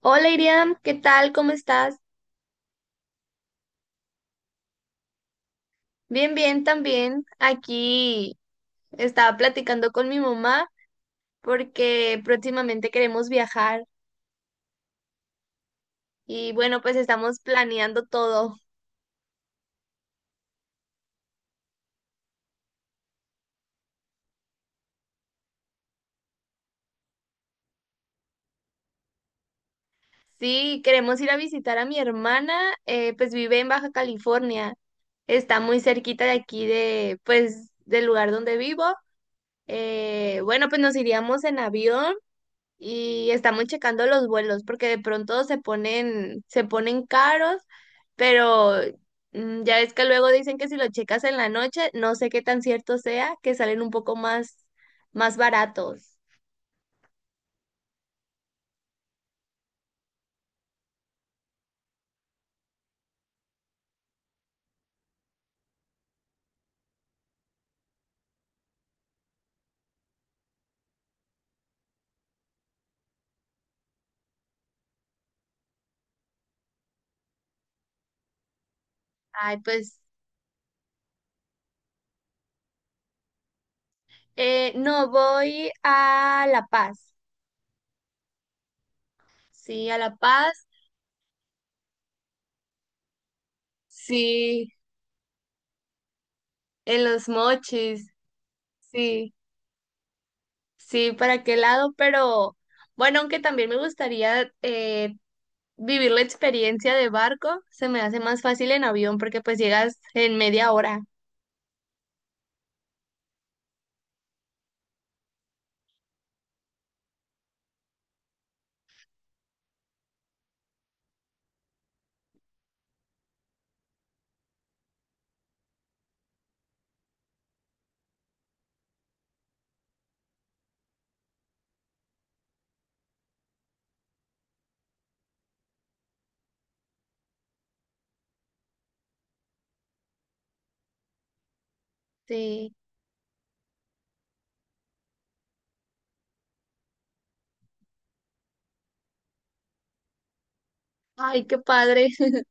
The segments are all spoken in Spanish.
Hola Iriam, ¿qué tal? ¿Cómo estás? Bien, bien también. Aquí estaba platicando con mi mamá porque próximamente queremos viajar y bueno, pues estamos planeando todo. Sí, queremos ir a visitar a mi hermana, pues vive en Baja California. Está muy cerquita de aquí de, pues, del lugar donde vivo. Bueno, pues nos iríamos en avión y estamos checando los vuelos porque de pronto se ponen caros, pero ya ves que luego dicen que si lo checas en la noche, no sé qué tan cierto sea, que salen un poco más baratos. Ay, pues no, voy a La Paz. Sí, a La Paz. Sí, en Los Mochis. Sí, sí, para qué lado, pero bueno, aunque también me gustaría vivir la experiencia de barco. Se me hace más fácil en avión porque pues llegas en media hora. Sí. Ay, qué padre.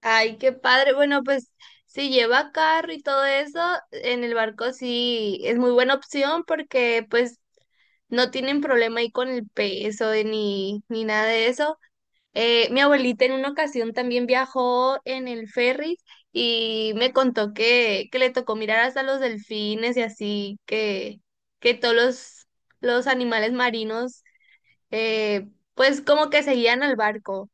Ay, qué padre. Bueno, pues si lleva carro y todo eso, en el barco sí es muy buena opción porque pues no tienen problema ahí con el peso y ni nada de eso. Mi abuelita en una ocasión también viajó en el ferry y me contó que le tocó mirar hasta los delfines y así, que todos los animales marinos, eh, pues como que seguían al barco.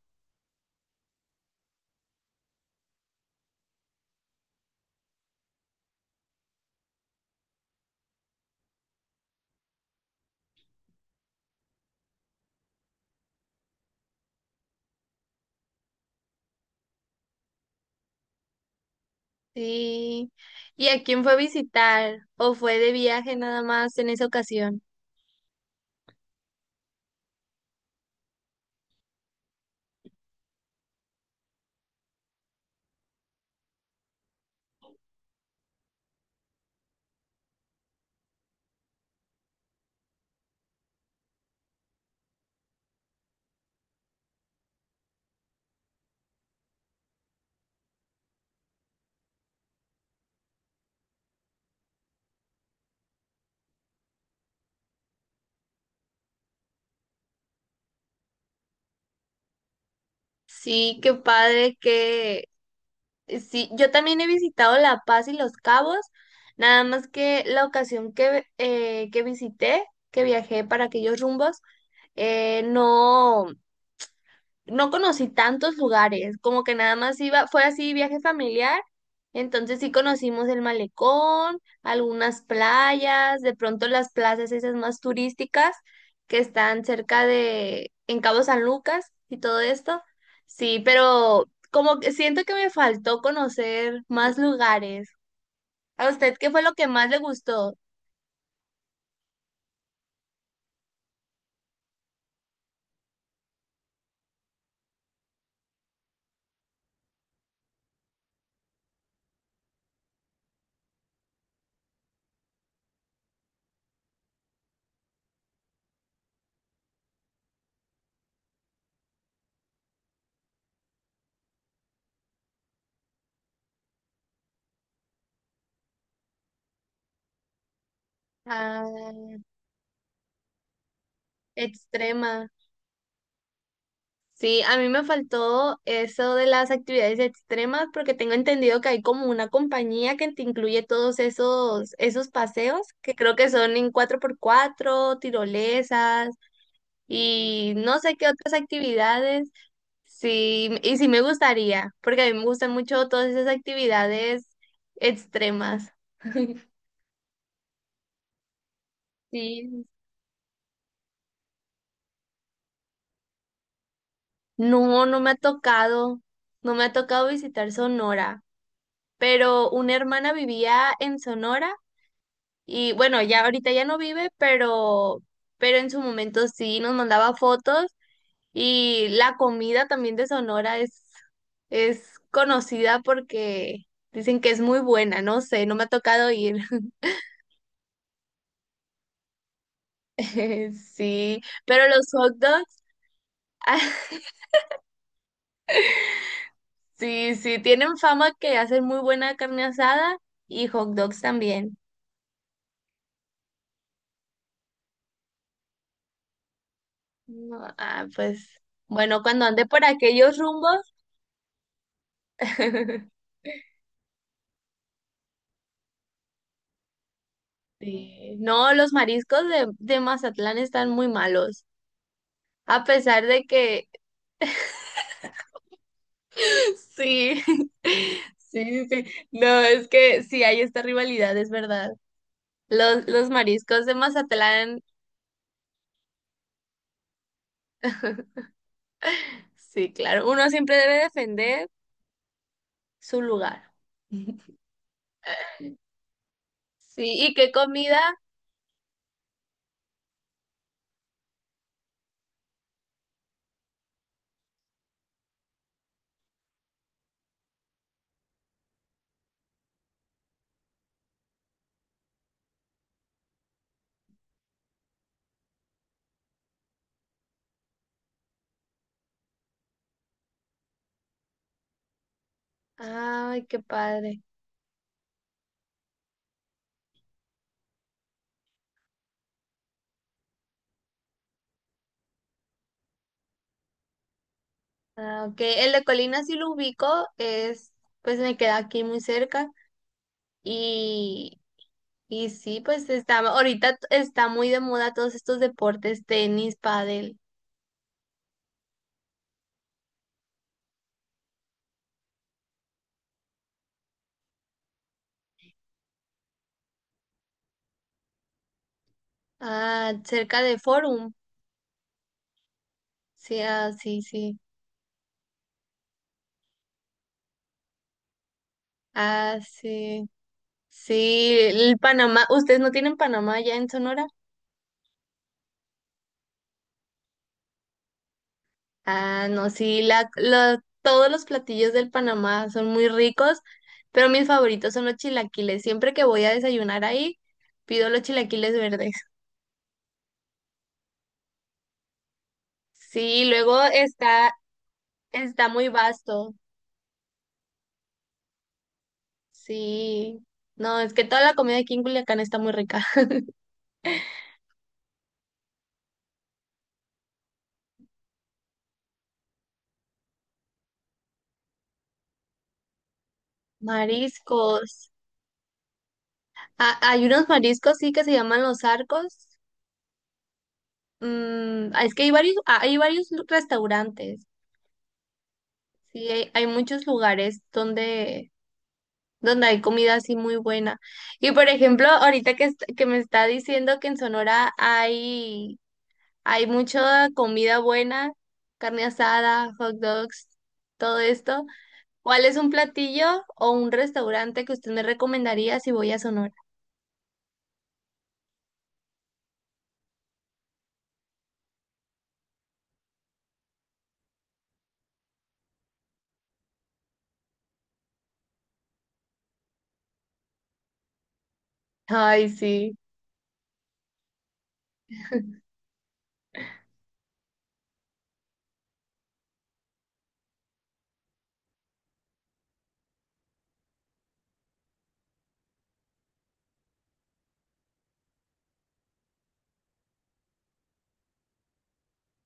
Sí. ¿Y a quién fue a visitar? ¿O fue de viaje nada más en esa ocasión? Sí, qué padre, que sí, yo también he visitado La Paz y Los Cabos, nada más que la ocasión que que viajé para aquellos rumbos, eh, no no conocí tantos lugares, como que nada más iba, fue así viaje familiar, entonces sí conocimos el malecón, algunas playas, de pronto las plazas esas más turísticas que están cerca en Cabo San Lucas y todo esto, sí, pero como que siento que me faltó conocer más lugares. ¿A usted qué fue lo que más le gustó? Ah, extrema. Sí, a mí me faltó eso de las actividades extremas porque tengo entendido que hay como una compañía que te incluye todos esos paseos que creo que son en 4x4, tirolesas y no sé qué otras actividades. Sí, y sí me gustaría porque a mí me gustan mucho todas esas actividades extremas. Sí, no, no me ha tocado, no me ha tocado visitar Sonora, pero una hermana vivía en Sonora. Y bueno, ya ahorita ya no vive, pero en su momento sí nos mandaba fotos y la comida también de Sonora es conocida porque dicen que es muy buena, no sé, no me ha tocado ir. Sí, pero los hot dogs, sí, sí, tienen fama que hacen muy buena carne asada y hot dogs también. No, ah, pues bueno, cuando ande por aquellos rumbos. Sí. No, los mariscos de Mazatlán están muy malos, a pesar de que sí, sí, sí, sí. No, es que sí hay esta rivalidad, es verdad. Los mariscos de Mazatlán, sí, claro, uno siempre debe defender su lugar. Sí, ¿y qué comida? Ay, qué padre. Ah, ok, el de Colina sí lo ubico, pues me queda aquí muy cerca. Y Y sí, pues está, ahorita está muy de moda todos estos deportes, tenis, pádel. Ah, cerca de Forum. Sí, ah, sí, sí. Ah, sí. Sí, el Panamá, ¿ustedes no tienen Panamá ya en Sonora? Ah, no, sí, todos los platillos del Panamá son muy ricos, pero mis favoritos son los chilaquiles. Siempre que voy a desayunar ahí, pido los chilaquiles verdes. Sí, luego está muy vasto. Sí, no, es que toda la comida aquí en Culiacán está muy rica. Mariscos. Ah, hay unos mariscos, sí, que se llaman los arcos. Ah, es que hay varios, ah, hay varios restaurantes. Sí, hay muchos lugares donde hay comida así muy buena. Y por ejemplo, ahorita que me está diciendo que en Sonora hay mucha comida buena, carne asada, hot dogs, todo esto. ¿Cuál es un platillo o un restaurante que usted me recomendaría si voy a Sonora? Ay, sí.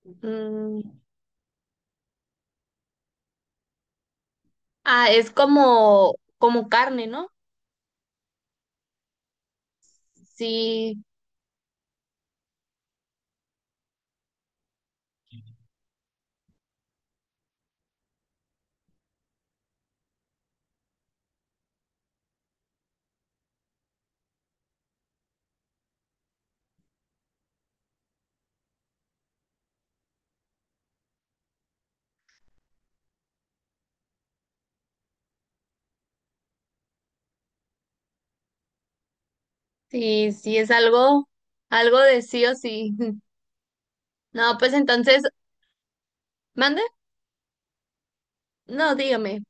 Mm, ah, es como carne, ¿no? Sí, sí, sí, es algo de sí o sí. No, pues entonces, ¿mande? No, dígame.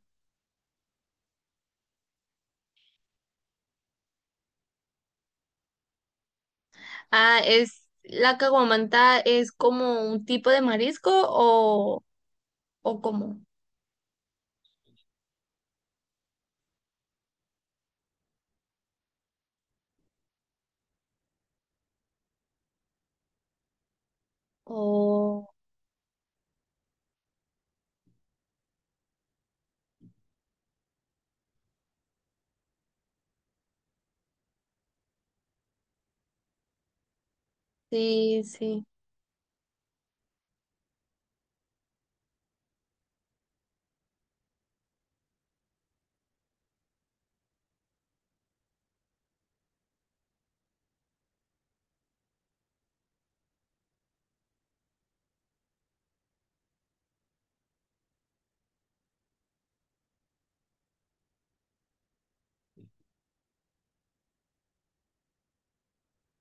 Ah, ¿la caguamanta es como un tipo de marisco o cómo? Oh, sí, sí.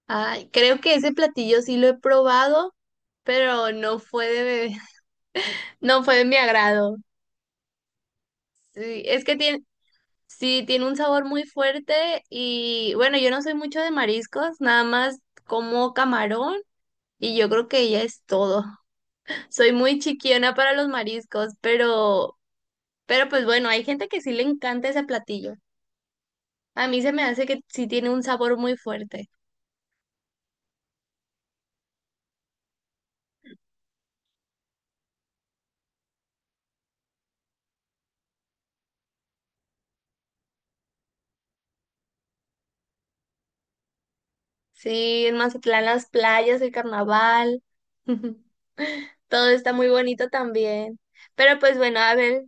Ay, creo que ese platillo sí lo he probado, pero no fue de bebé. No fue de mi agrado. Sí, es que tiene, sí, tiene un sabor muy fuerte y bueno, yo no soy mucho de mariscos, nada más como camarón y yo creo que ya es todo. Soy muy chiquiona para los mariscos, pero pues bueno, hay gente que sí le encanta ese platillo. A mí se me hace que sí tiene un sabor muy fuerte. Sí, en Mazatlán las playas, el carnaval, todo está muy bonito también. Pero pues bueno, a ver.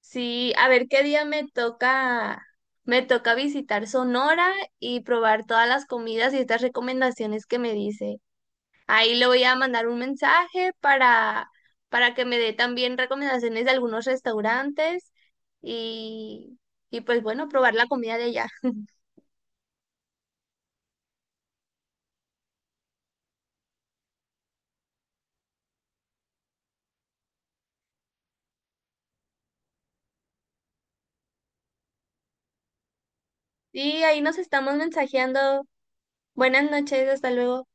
Sí, a ver qué día me toca visitar Sonora y probar todas las comidas y estas recomendaciones que me dice. Ahí le voy a mandar un mensaje para que me dé también recomendaciones de algunos restaurantes y, y pues bueno, probar la comida de allá. Y ahí nos estamos mensajeando. Buenas noches, hasta luego.